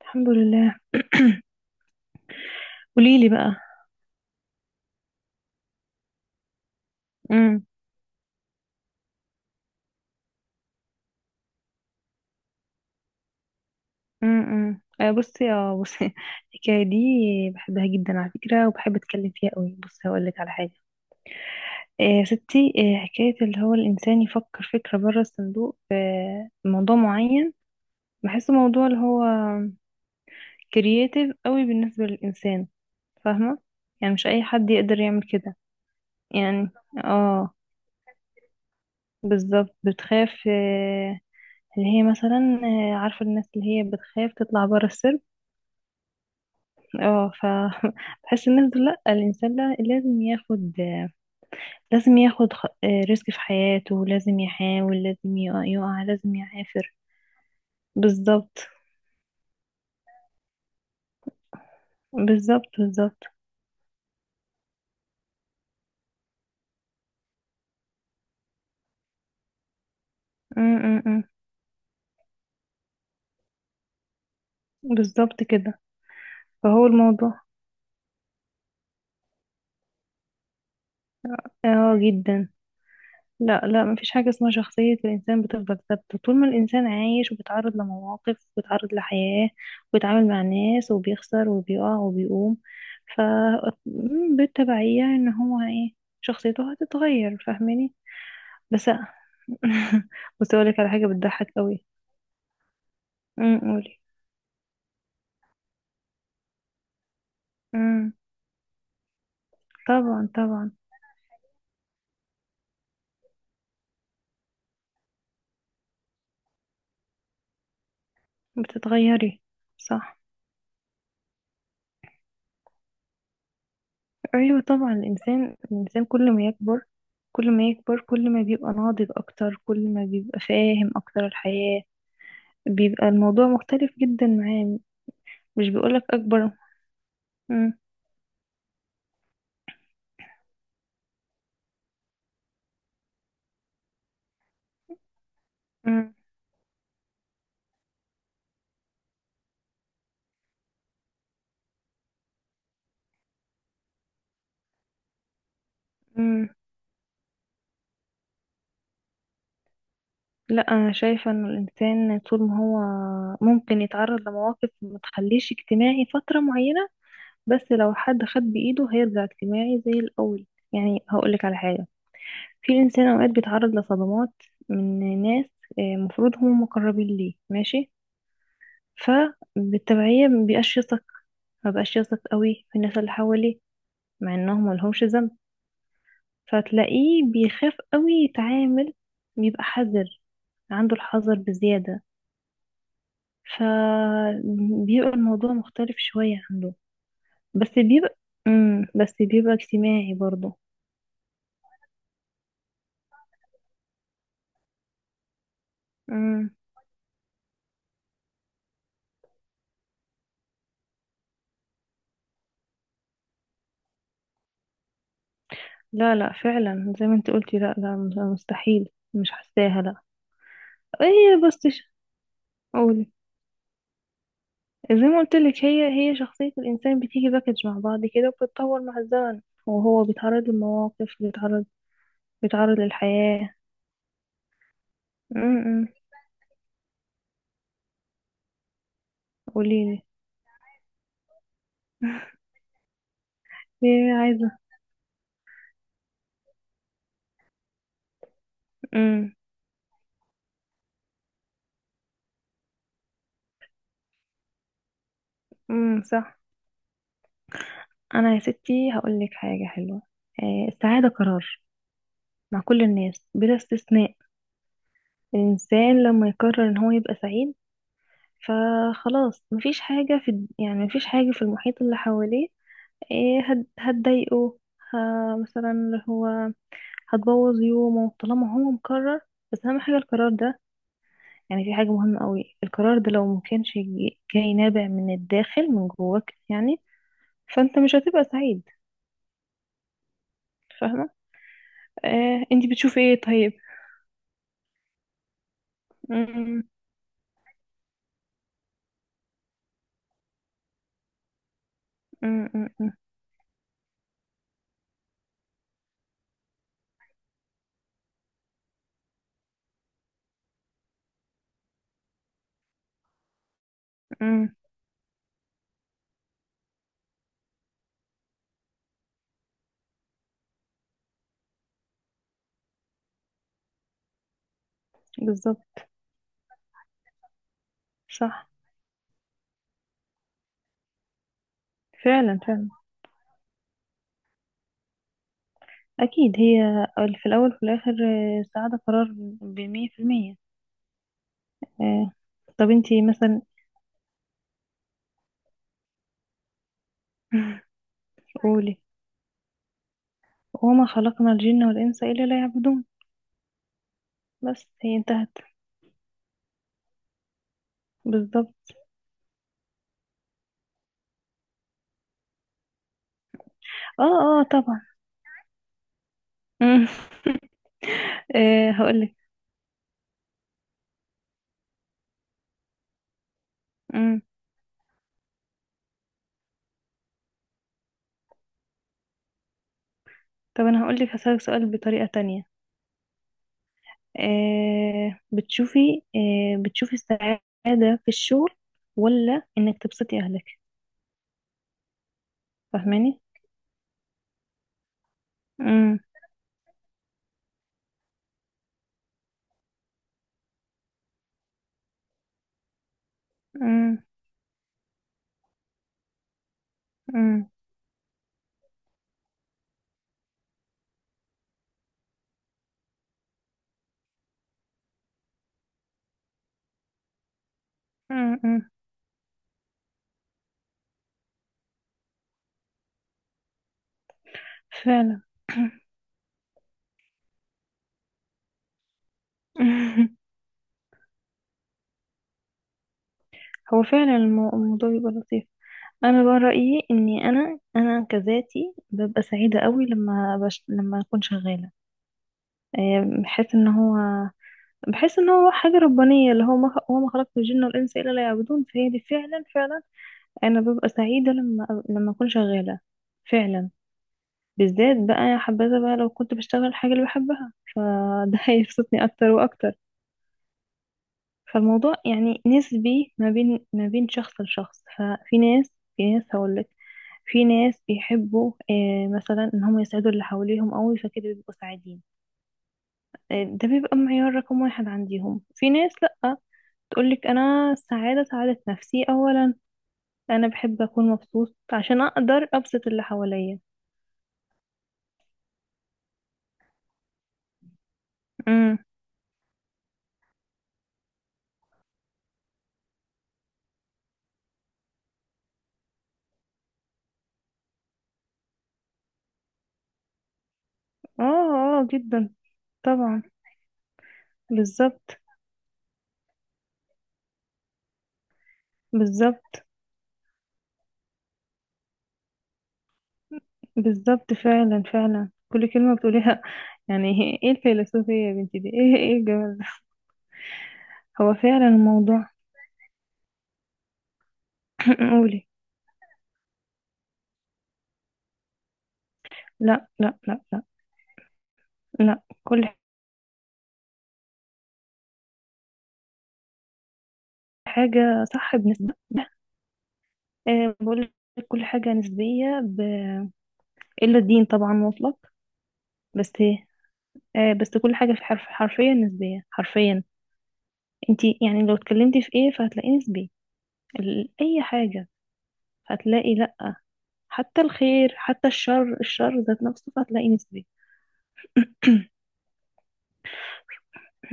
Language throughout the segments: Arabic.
الحمد لله. قولي لي بقى. امم بصي، بصي الحكايه دي بحبها جدا على فكره، وبحب اتكلم فيها قوي. بصي، هقول لك على حاجه. يا ستي، حكايه اللي هو الانسان يفكر فكره بره الصندوق في موضوع معين. بحسه موضوع اللي هو كرييتيف قوي بالنسبه للانسان. فاهمه؟ يعني مش اي حد يقدر يعمل كده. يعني اه بالظبط. بتخاف، اللي هي مثلا، عارفه الناس اللي هي بتخاف تطلع بره السرب. اه ف بحس الناس دول، لا، الانسان، لا، لازم ياخد، ريسك في حياته، لازم يحاول، لازم يقع، لازم يعافر. بالظبط. بالظبط. بالظبط. م- م- م. بالظبط كده. فهو الموضوع. اه، جدا. لا، لا، مفيش حاجة اسمها شخصية الإنسان بتفضل ثابتة طول ما الإنسان عايش وبيتعرض لمواقف وبيتعرض لحياة وبيتعامل مع ناس وبيخسر وبيقع وبيقوم. ف بالتبعية إن هو إيه، شخصيته هتتغير. فاهماني؟ بس بس أقولك على حاجة بتضحك قوي. قولي. أمم. طبعا، طبعا. بتتغيري. صح. ايوه، طبعا الانسان، الانسان كل ما يكبر، كل ما يكبر، كل ما بيبقى ناضج اكتر، كل ما بيبقى فاهم اكتر الحياة، بيبقى الموضوع مختلف جدا معاه. مش بيقولك اكبر. مم. مم. مم. لا، انا شايفة ان الانسان طول ما هو ممكن يتعرض لمواقف ما تخليش اجتماعي فترة معينة، بس لو حد خد بايده هيرجع اجتماعي زي الاول. يعني هقولك على حاجة. في انسان اوقات بيتعرض لصدمات من ناس مفروض هم مقربين ليه. ماشي. فبالتبعية مبيبقاش يثق، مبقاش يثق قوي في الناس اللي حواليه، مع انهم ملهمش ذنب. فتلاقيه بيخاف قوي يتعامل، بيبقى حذر، عنده الحذر بزيادة. فبيبقى الموضوع مختلف شوية عنده. بس بيبقى. بس بيبقى اجتماعي برضه. مم. لا، لا، فعلا زي ما انت قلتي. لا، لا، مستحيل. مش حاساها. لا. ايه؟ بس قولي. زي ما قلت لك، هي شخصية الإنسان بتيجي باكج مع بعض كده، وبتتطور مع الزمن، وهو بيتعرض لمواقف، بيتعرض للحياة. امم. قوليلي. ايه؟ عايزة؟ امم امم، صح. أنا يا ستي هقولك حاجة حلوة. السعادة قرار مع كل الناس بلا استثناء. الإنسان لما يقرر إن هو يبقى سعيد، فخلاص مفيش حاجة في يعني مفيش حاجة في المحيط اللي حواليه هتضايقه. مثلا اللي هو هتبوظ يومه، طالما هو مقرر. بس اهم حاجه القرار ده. يعني في حاجه مهمه قوي، القرار ده لو مكانش جاي نابع من الداخل، من جواك يعني. فانت مش هتبقى سعيد. فاهمه؟ آه، انتي بتشوفي ايه طيب؟ أمم. أمم. أمم. أمم. بالظبط. صح. فعلا، فعلا. اكيد هي، في الاول وفي الاخر، السعاده قرار. ب100%. آه. طب انتي مثلا. قولي. وما خلقنا الجن والانس الا ليعبدون. بس هي انتهت. بالظبط. اه، اه، طبعا. مم. هقولك. مم. طب انا هقولك، هسألك سؤال بطريقة تانية. آه بتشوفي بتشوفي السعادة في الشغل، ولا انك تبسطي اهلك؟ فاهماني؟ مم. مم. مم. مم. مم. فعلا. هو فعلا الموضوع بيبقى لطيف. انا بقى رأيي اني انا كذاتي ببقى سعيدة قوي لما اكون شغالة. آه، بحس ان هو بحس ان هو حاجة ربانية، اللي هو ما هو ما خلقت الجن والانس الا ليعبدون. فهي دي فعلا، فعلا انا ببقى سعيدة لما اكون شغالة. فعلا. بالذات بقى يا حبذا بقى لو كنت بشتغل الحاجة اللي بحبها. فده هيبسطني اكتر واكتر. فالموضوع يعني نسبي ما بين شخص لشخص. ففي ناس، في ناس هقولك، في ناس بيحبوا، مثلا ان هم يسعدوا اللي حواليهم قوي، فكده بيبقوا سعيدين. ده بيبقى معيار رقم واحد عندهم. في ناس، لا، تقولك أنا السعادة سعادة نفسي أولا. أنا بحب أكون مبسوط عشان أقدر أبسط اللي حواليا. امم. اه، اه، جدا. طبعا. بالظبط. بالظبط. بالظبط. فعلا، فعلا كل كلمة بتقوليها يعني. ايه الفيلسوفية يا بنتي دي، ايه، ايه الجمال ده. هو فعلا الموضوع قولي. لا، لا، لا، لا. لا، كل حاجة صح بنسبة. أه، بقول لك كل حاجة نسبية إلا الدين طبعا مطلق. بس إيه؟ بس كل حاجة، في حرف حرفيا، نسبية حرفيا. انتي يعني لو اتكلمتي في ايه فهتلاقيه نسبي. اي حاجة هتلاقي، لا، حتى الخير، حتى الشر، الشر ذات نفسه فهتلاقي نسبي.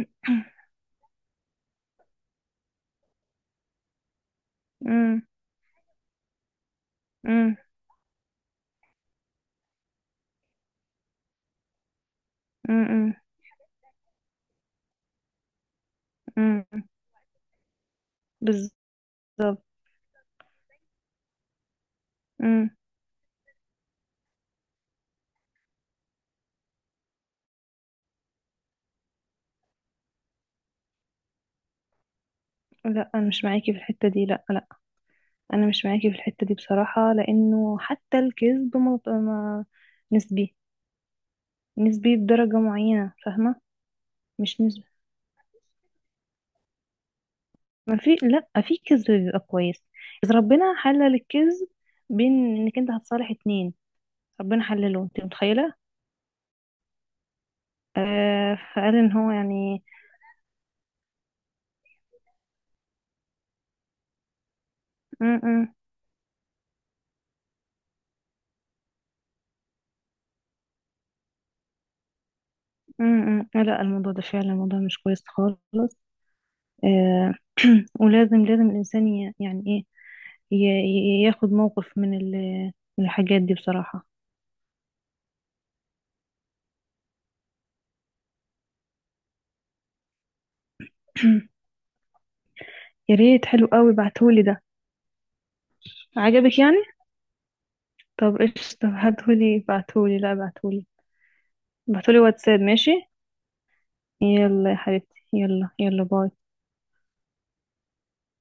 مم، مم، مم، مم، مم. بز... مم. لا، انا مش معاكي في الحتة دي. لا، لا، انا مش معاكي في الحتة دي بصراحة، لانه حتى الكذب ما... ما... نسبي. نسبي بدرجة معينة. فاهمة؟ مش نسبي. ما في، لا، في كذب بيبقى كويس. اذا ربنا حلل الكذب بين، انك انت هتصالح اتنين، ربنا حلله، انت متخيله؟ فقال ان هو يعني. م -م -م -م. لا، الموضوع ده فعلا الموضوع مش كويس خالص. آه ولازم، لازم الانسان يعني ايه، ي- ياخد موقف من من الحاجات دي بصراحه. يا ريت، حلو قوي، بعتهولي ده. عجبك يعني؟ طب ايش، طب هاتهولي، بعتهولي، لا، بعتهولي. بعتهولي واتساب، ماشي. يلا يا حبيبتي، يلا، يلا، باي.